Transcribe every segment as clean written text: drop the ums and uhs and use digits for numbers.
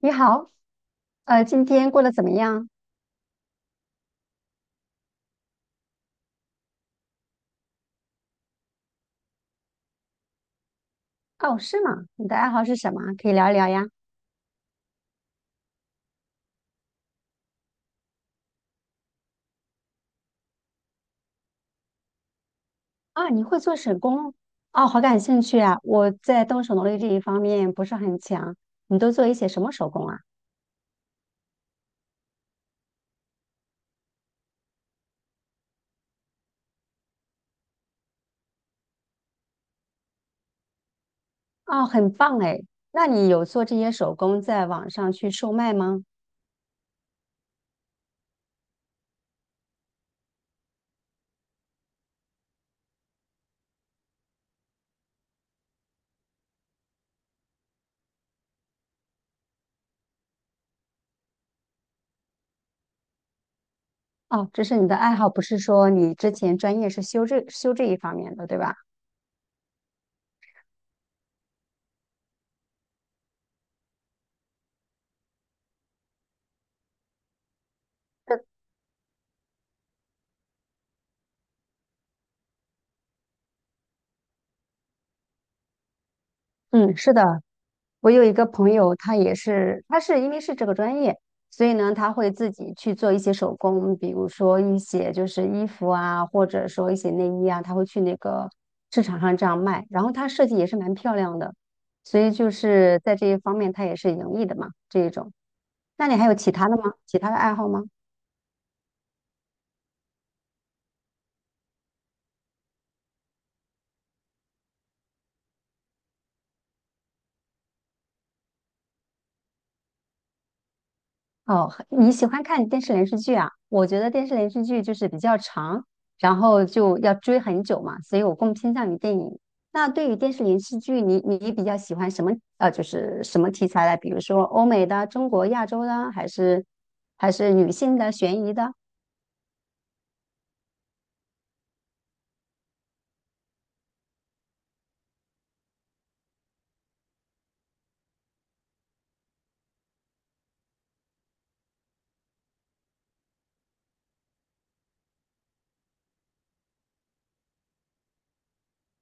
你好，今天过得怎么样？哦，是吗？你的爱好是什么？可以聊一聊呀。啊，你会做手工？哦，好感兴趣啊！我在动手能力这一方面不是很强。你都做一些什么手工啊？哦，很棒哎。那你有做这些手工在网上去售卖吗？哦，这是你的爱好，不是说你之前专业是修这一方面的，对吧？是嗯，是的，我有一个朋友，他也是，他是因为是这个专业，所以呢，他会自己去做一些手工，比如说一些就是衣服啊，或者说一些内衣啊，他会去那个市场上这样卖。然后他设计也是蛮漂亮的，所以就是在这一方面，他也是盈利的嘛，这一种。那你还有其他的吗？其他的爱好吗？哦，你喜欢看电视连续剧啊？我觉得电视连续剧就是比较长，然后就要追很久嘛，所以我更偏向于电影。那对于电视连续剧，你比较喜欢什么？就是什么题材的？比如说欧美的、中国、亚洲的，还是还是女性的、悬疑的？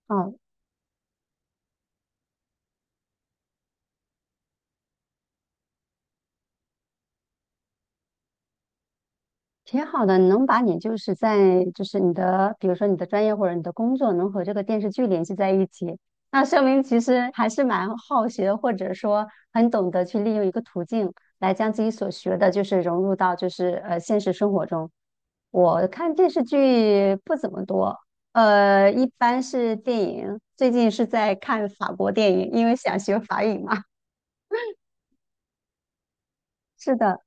哦。挺好的，能把你就是在就是你的，比如说你的专业或者你的工作，能和这个电视剧联系在一起，那说明其实还是蛮好学，或者说很懂得去利用一个途径来将自己所学的，就是融入到就是现实生活中。我看电视剧不怎么多，一般是电影，最近是在看法国电影，因为想学法语嘛。是的。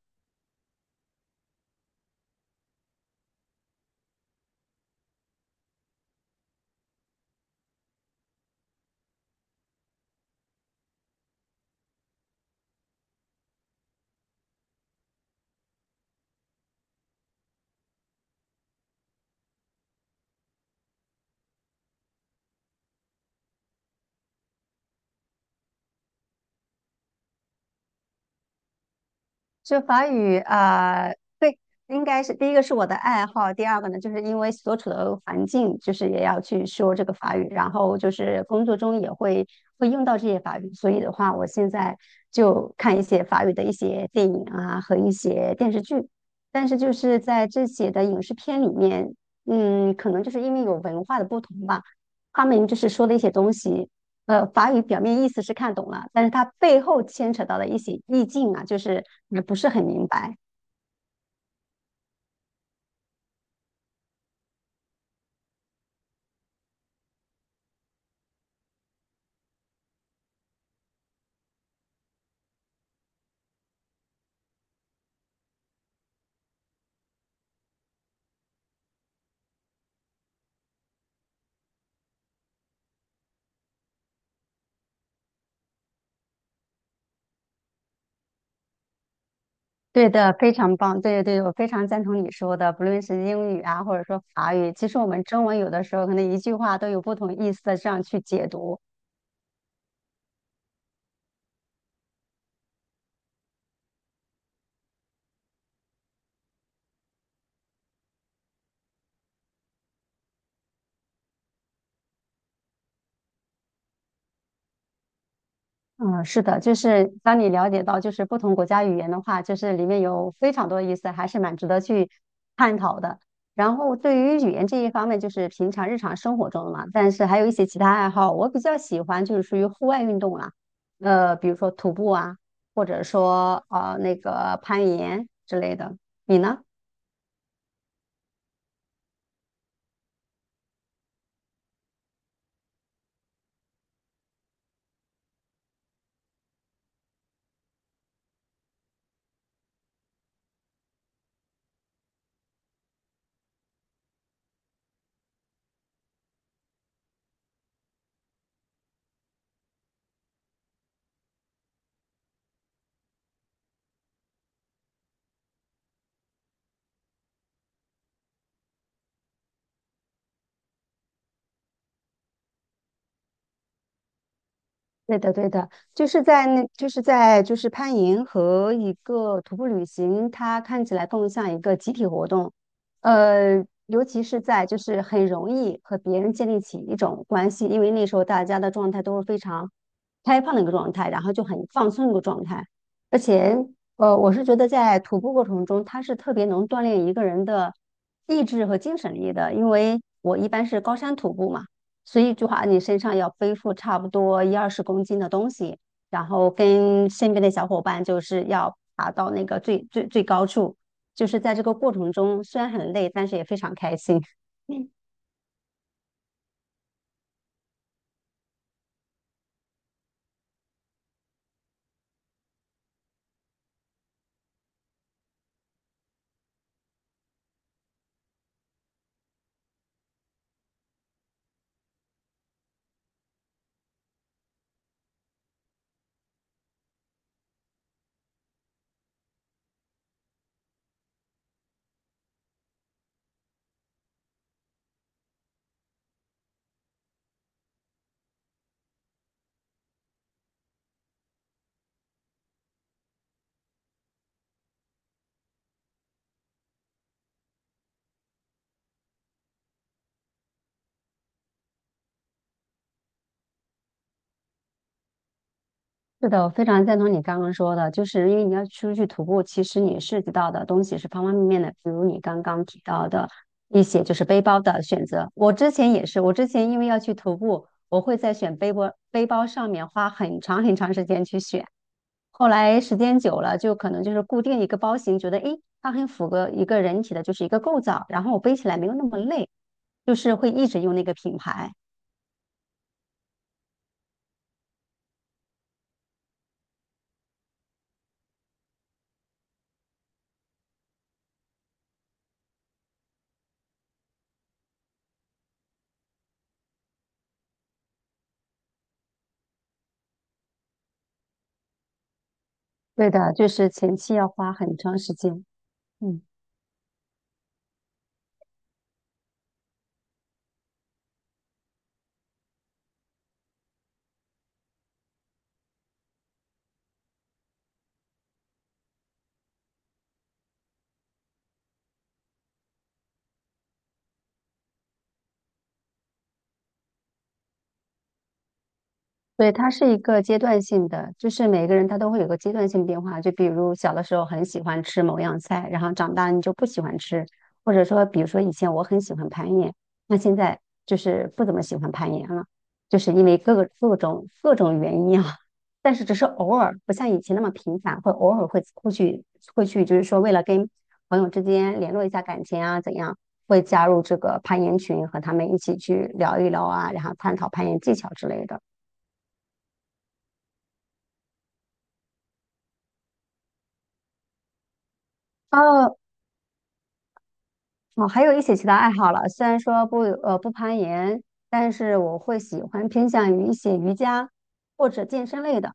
就法语啊、对，应该是第一个是我的爱好，第二个呢，就是因为所处的环境，就是也要去说这个法语，然后就是工作中也会会用到这些法语，所以的话，我现在就看一些法语的一些电影啊和一些电视剧，但是就是在这些的影视片里面，嗯，可能就是因为有文化的不同吧，他们就是说的一些东西。法语表面意思是看懂了，但是它背后牵扯到的一些意境啊，就是也不是很明白。对的，非常棒。对对，我非常赞同你说的，不论是英语啊，或者说法语，其实我们中文有的时候可能一句话都有不同意思的这样去解读。嗯，是的，就是当你了解到就是不同国家语言的话，就是里面有非常多的意思，还是蛮值得去探讨的。然后对于语言这一方面，就是平常日常生活中的嘛，但是还有一些其他爱好，我比较喜欢就是属于户外运动啦，比如说徒步啊，或者说那个攀岩之类的。你呢？对的，对的，就是在那，就是在就是攀岩和一个徒步旅行，它看起来更像一个集体活动，尤其是在就是很容易和别人建立起一种关系，因为那时候大家的状态都是非常开放的一个状态，然后就很放松的一个状态，而且我是觉得在徒步过程中，它是特别能锻炼一个人的意志和精神力的，因为我一般是高山徒步嘛。所以就话你身上要背负差不多一二十公斤的东西，然后跟身边的小伙伴就是要爬到那个最高处，就是在这个过程中虽然很累，但是也非常开心。嗯是的，我非常赞同你刚刚说的，就是因为你要出去徒步，其实你涉及到的东西是方方面面的，比如你刚刚提到的一些就是背包的选择。我之前也是，我之前因为要去徒步，我会在选背包背包上面花很长很长时间去选。后来时间久了，就可能就是固定一个包型，觉得诶，它很符合一个人体的就是一个构造，然后我背起来没有那么累，就是会一直用那个品牌。对的，就是前期要花很长时间。嗯。对，它是一个阶段性的，就是每个人他都会有个阶段性变化。就比如小的时候很喜欢吃某样菜，然后长大你就不喜欢吃，或者说，比如说以前我很喜欢攀岩，那现在就是不怎么喜欢攀岩了，就是因为各种原因啊。但是只是偶尔，不像以前那么频繁，会偶尔会去，就是说为了跟朋友之间联络一下感情啊，怎样，会加入这个攀岩群，和他们一起去聊一聊啊，然后探讨攀岩技巧之类的。哦，哦，还有一些其他爱好了。虽然说不攀岩，但是我会喜欢偏向于一些瑜伽或者健身类的。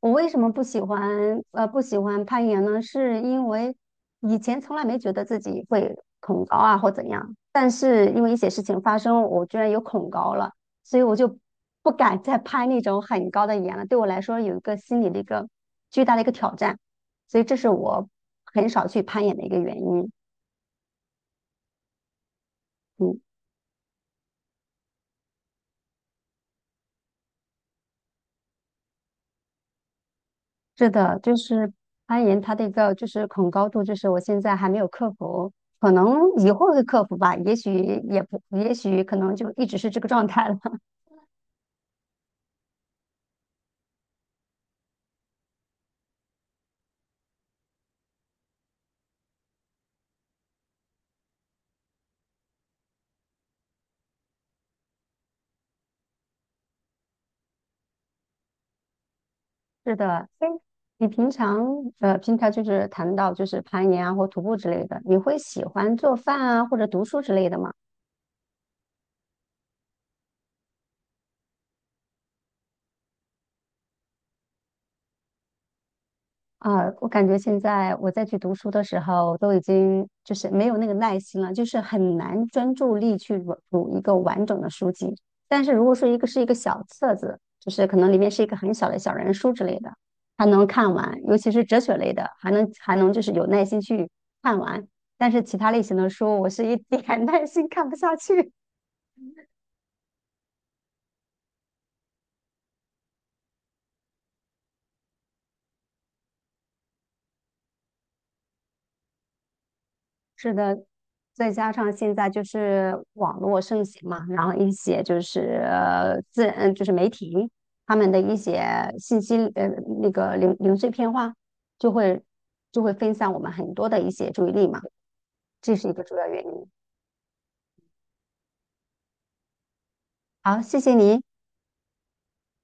我为什么不喜欢攀岩呢？是因为以前从来没觉得自己会恐高啊或怎样，但是因为一些事情发生，我居然有恐高了，所以我就不敢再攀那种很高的岩了。对我来说有一个心理的一个巨大的一个挑战，所以这是我很少去攀岩的一个原因。嗯。是的，就是攀岩，它的一个就是恐高度，就是我现在还没有克服，可能以后会克服吧，也许也不，也许可能就一直是这个状态了。是的，哎，你平常平常就是谈到就是攀岩啊或徒步之类的，你会喜欢做饭啊或者读书之类的吗？啊，我感觉现在我再去读书的时候，都已经就是没有那个耐心了，就是很难专注力去读一个完整的书籍。但是如果说一个是一个小册子，就是可能里面是一个很小的小人书之类的，还能看完，尤其是哲学类的，还能就是有耐心去看完。但是其他类型的书，我是一点 耐心看不下去。是的，再加上现在就是网络盛行嘛，然后一些就是呃自嗯就是媒体他们的一些信息那个碎片化，就会就会分散我们很多的一些注意力嘛，这是一个主要原因。好，谢谢你。